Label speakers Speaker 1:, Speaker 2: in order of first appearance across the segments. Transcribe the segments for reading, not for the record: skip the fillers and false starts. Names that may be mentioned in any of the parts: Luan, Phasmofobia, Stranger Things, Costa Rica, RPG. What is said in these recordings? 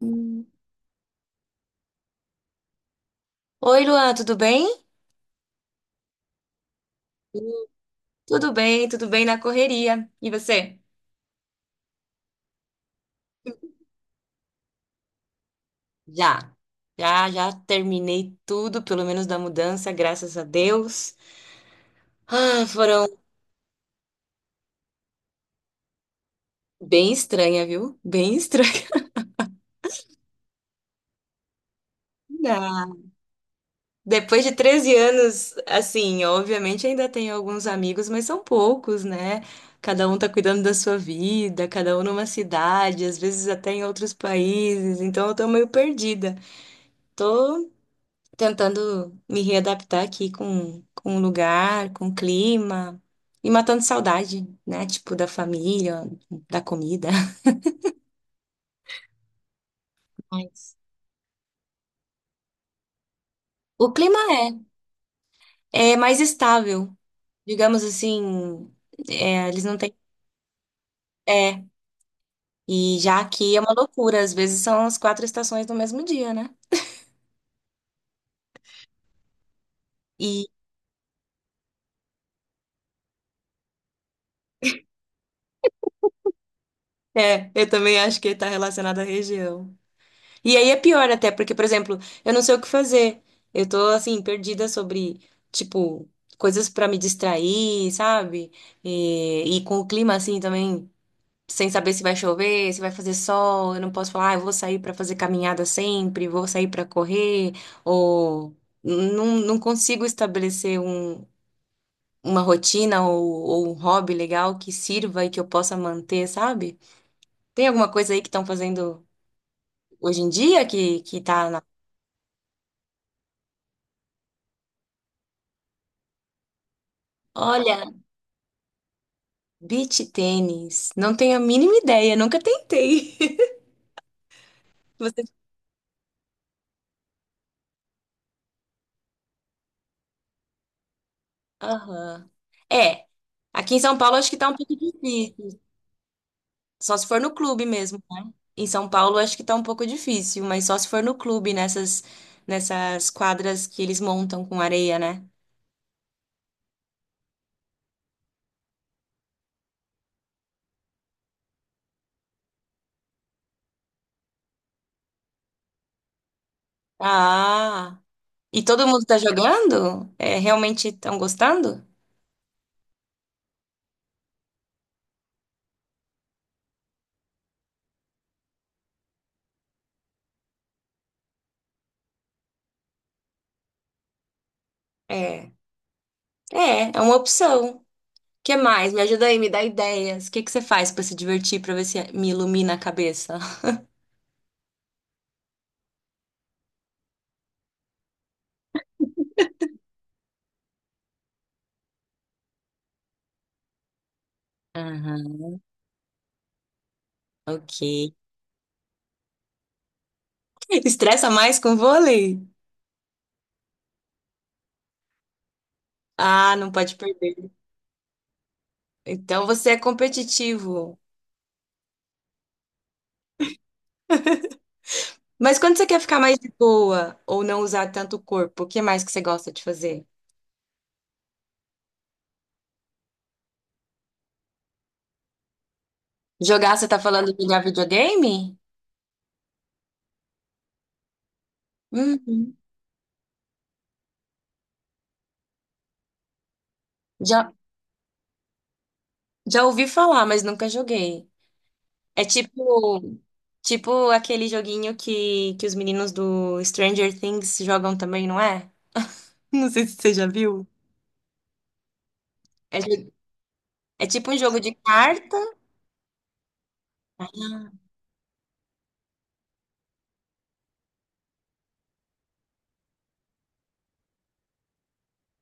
Speaker 1: Hum. Oi, Luan, tudo bem? Hum. Tudo bem na correria. E você? Já, já, já terminei tudo, pelo menos da mudança, graças a Deus. Ah, foram bem estranha, viu? Bem estranha. Ah, depois de 13 anos, assim, obviamente ainda tenho alguns amigos, mas são poucos, né? Cada um tá cuidando da sua vida, cada um numa cidade, às vezes até em outros países, então eu tô meio perdida. Tô tentando me readaptar aqui com o lugar, com o clima e matando saudade, né? Tipo, da família, da comida. Mas o clima é mais estável, digamos assim, é, eles não têm. É, e já aqui é uma loucura, às vezes são as quatro estações no mesmo dia, né? E eu também acho que está relacionado à região. E aí é pior até, porque, por exemplo, eu não sei o que fazer. Eu tô, assim, perdida sobre, tipo, coisas pra me distrair, sabe? E com o clima, assim, também, sem saber se vai chover, se vai fazer sol. Eu não posso falar, ah, eu vou sair pra fazer caminhada sempre, vou sair pra correr, ou não, não consigo estabelecer uma rotina ou um hobby legal que sirva e que eu possa manter, sabe? Tem alguma coisa aí que estão fazendo hoje em dia que tá na. Olha, beach tênis? Não tenho a mínima ideia, nunca tentei. Você... Aham. É, aqui em São Paulo acho que tá um pouco difícil. Só se for no clube mesmo, né? Em São Paulo acho que tá um pouco difícil, mas só se for no clube, nessas quadras que eles montam com areia, né? Ah, e todo mundo tá jogando? É, realmente estão gostando? É, é, é uma opção. O que mais? Me ajuda aí, me dá ideias. O que que você faz pra se divertir, pra ver se me ilumina a cabeça? Ok. Estressa mais com vôlei? Ah, não pode perder. Então você é competitivo. Mas quando você quer ficar mais de boa ou não usar tanto o corpo, o que mais que você gosta de fazer? Jogar, você tá falando de jogar videogame? Uhum. Já, já ouvi falar, mas nunca joguei. É tipo, tipo aquele joguinho que os meninos do Stranger Things jogam também, não é? Não sei se você já viu. É, jo- é tipo um jogo de carta.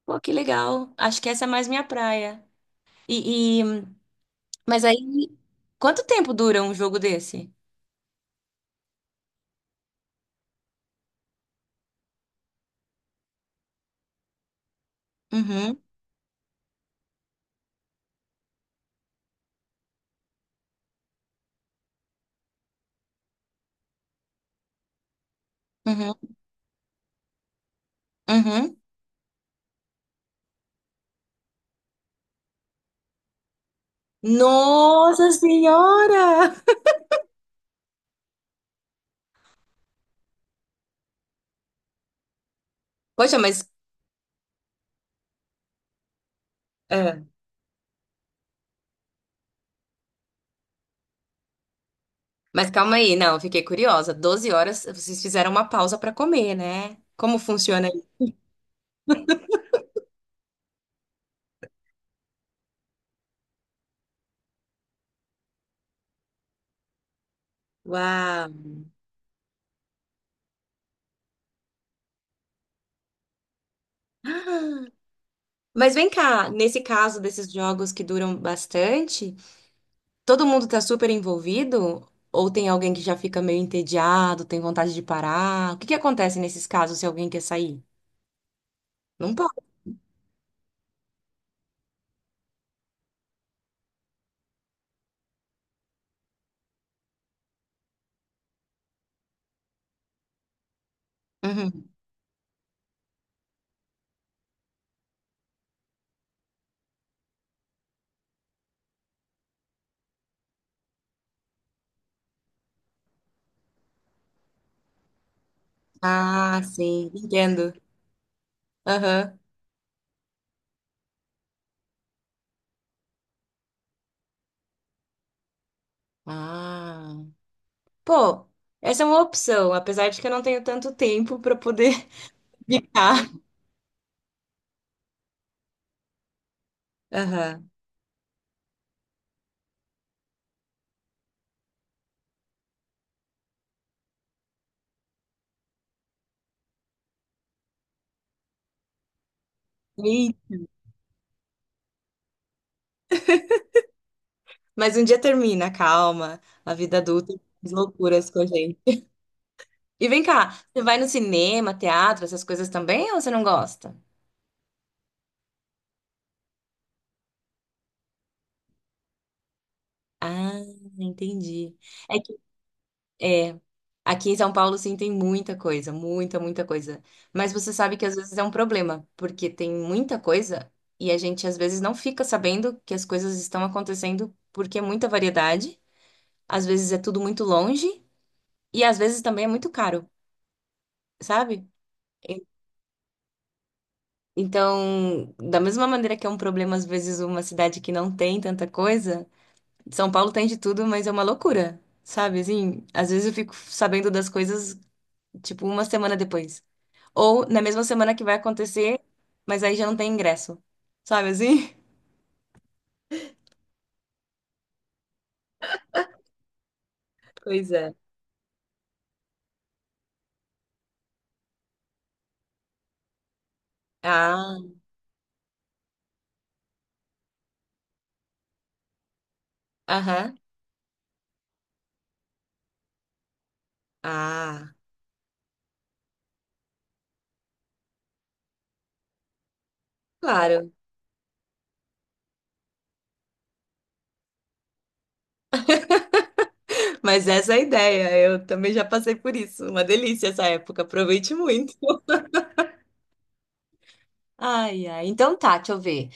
Speaker 1: Pô, que legal. Acho que essa é mais minha praia. E, e- mas aí, quanto tempo dura um jogo desse? Uhum, uhum, uhum. Nossa Senhora! Poxa, mas, é, mas calma aí, não, eu fiquei curiosa. 12 horas, vocês fizeram uma pausa pra comer, né? Como funciona isso? Uau! Ah, mas vem cá, nesse caso desses jogos que duram bastante, todo mundo tá super envolvido? Ou tem alguém que já fica meio entediado, tem vontade de parar? O que que acontece nesses casos se alguém quer sair? Não pode. Uhum. Ah, sim, entendo. Aham. Ah. Pô, essa é uma opção, apesar de que eu não tenho tanto tempo para poder ficar. Aham. Ih, mas um dia termina, calma. A vida adulta faz loucuras com a gente. E vem cá, você vai no cinema, teatro, essas coisas também, ou você não gosta? Ah, entendi. É, aqui em São Paulo sim tem muita coisa, muita, muita coisa. Mas você sabe que às vezes é um problema, porque tem muita coisa e a gente às vezes não fica sabendo que as coisas estão acontecendo porque é muita variedade, às vezes é tudo muito longe e às vezes também é muito caro, sabe? E- Então, da mesma maneira que é um problema às vezes uma cidade que não tem tanta coisa, São Paulo tem de tudo, mas é uma loucura, sabe? Assim, às vezes eu fico sabendo das coisas tipo uma semana depois. Ou na mesma semana que vai acontecer, mas aí já não tem ingresso. Sabe assim? Pois é. Ah, aham. Ah, claro. Mas essa é a ideia. Eu também já passei por isso. Uma delícia essa época. Aproveite muito. Ai, ai. Então tá, deixa eu ver.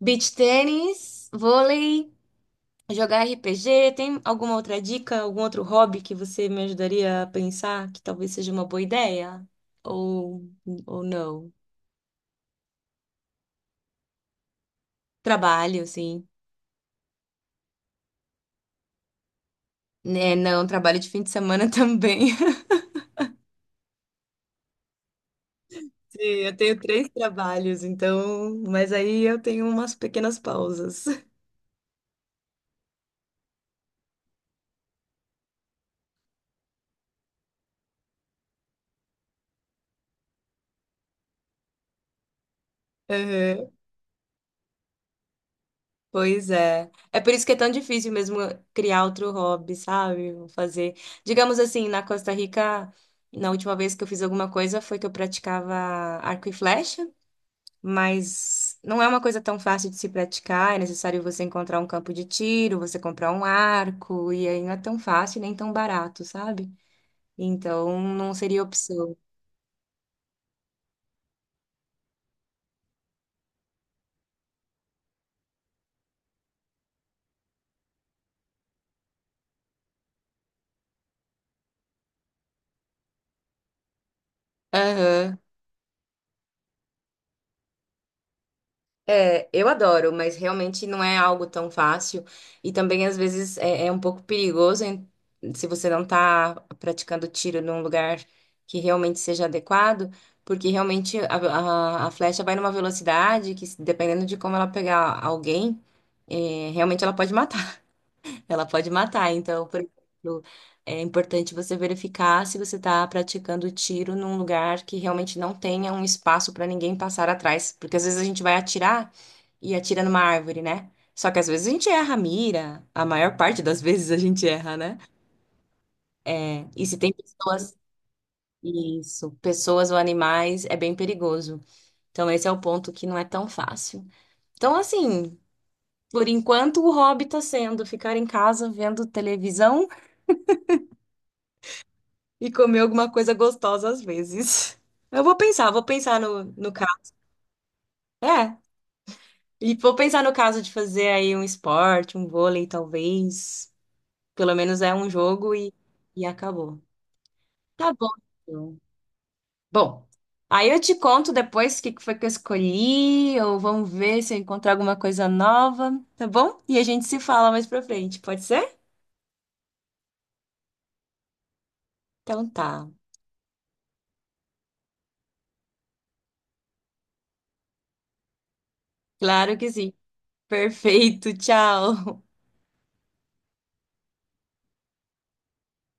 Speaker 1: Beach tênis, vôlei, jogar RPG. Tem alguma outra dica, algum outro hobby que você me ajudaria a pensar que talvez seja uma boa ideia? Ou, ou não? Trabalho, sim. É, não, trabalho de fim de semana também. Sim, eu tenho três trabalhos, então. Mas aí eu tenho umas pequenas pausas. Uhum. Pois é. É por isso que é tão difícil mesmo criar outro hobby, sabe? Vou fazer. Digamos assim, na Costa Rica, na última vez que eu fiz alguma coisa foi que eu praticava arco e flecha, mas não é uma coisa tão fácil de se praticar. É necessário você encontrar um campo de tiro, você comprar um arco, e aí não é tão fácil nem tão barato, sabe? Então, não seria opção. Aham. É, eu adoro, mas realmente não é algo tão fácil. E também, às vezes, é um pouco perigoso se você não tá praticando tiro num lugar que realmente seja adequado, porque realmente a flecha vai numa velocidade que, dependendo de como ela pegar alguém, é, realmente ela pode matar. Ela pode matar. Então, por exemplo, é importante você verificar se você está praticando tiro num lugar que realmente não tenha um espaço para ninguém passar atrás. Porque às vezes a gente vai atirar e atira numa árvore, né? Só que às vezes a gente erra a mira. A maior parte das vezes a gente erra, né? É, e se tem pessoas, isso, pessoas ou animais, é bem perigoso. Então, esse é o ponto que não é tão fácil. Então, assim, por enquanto o hobby tá sendo ficar em casa vendo televisão e comer alguma coisa gostosa às vezes. Eu vou pensar no caso. É, e vou pensar no caso de fazer aí um esporte, um vôlei, talvez. Pelo menos é um jogo e acabou. Tá bom. Então. Bom, aí eu te conto depois o que que foi que eu escolhi, ou vamos ver se eu encontro alguma coisa nova, tá bom? E a gente se fala mais pra frente, pode ser? Então tá. Claro que sim. Perfeito, tchau.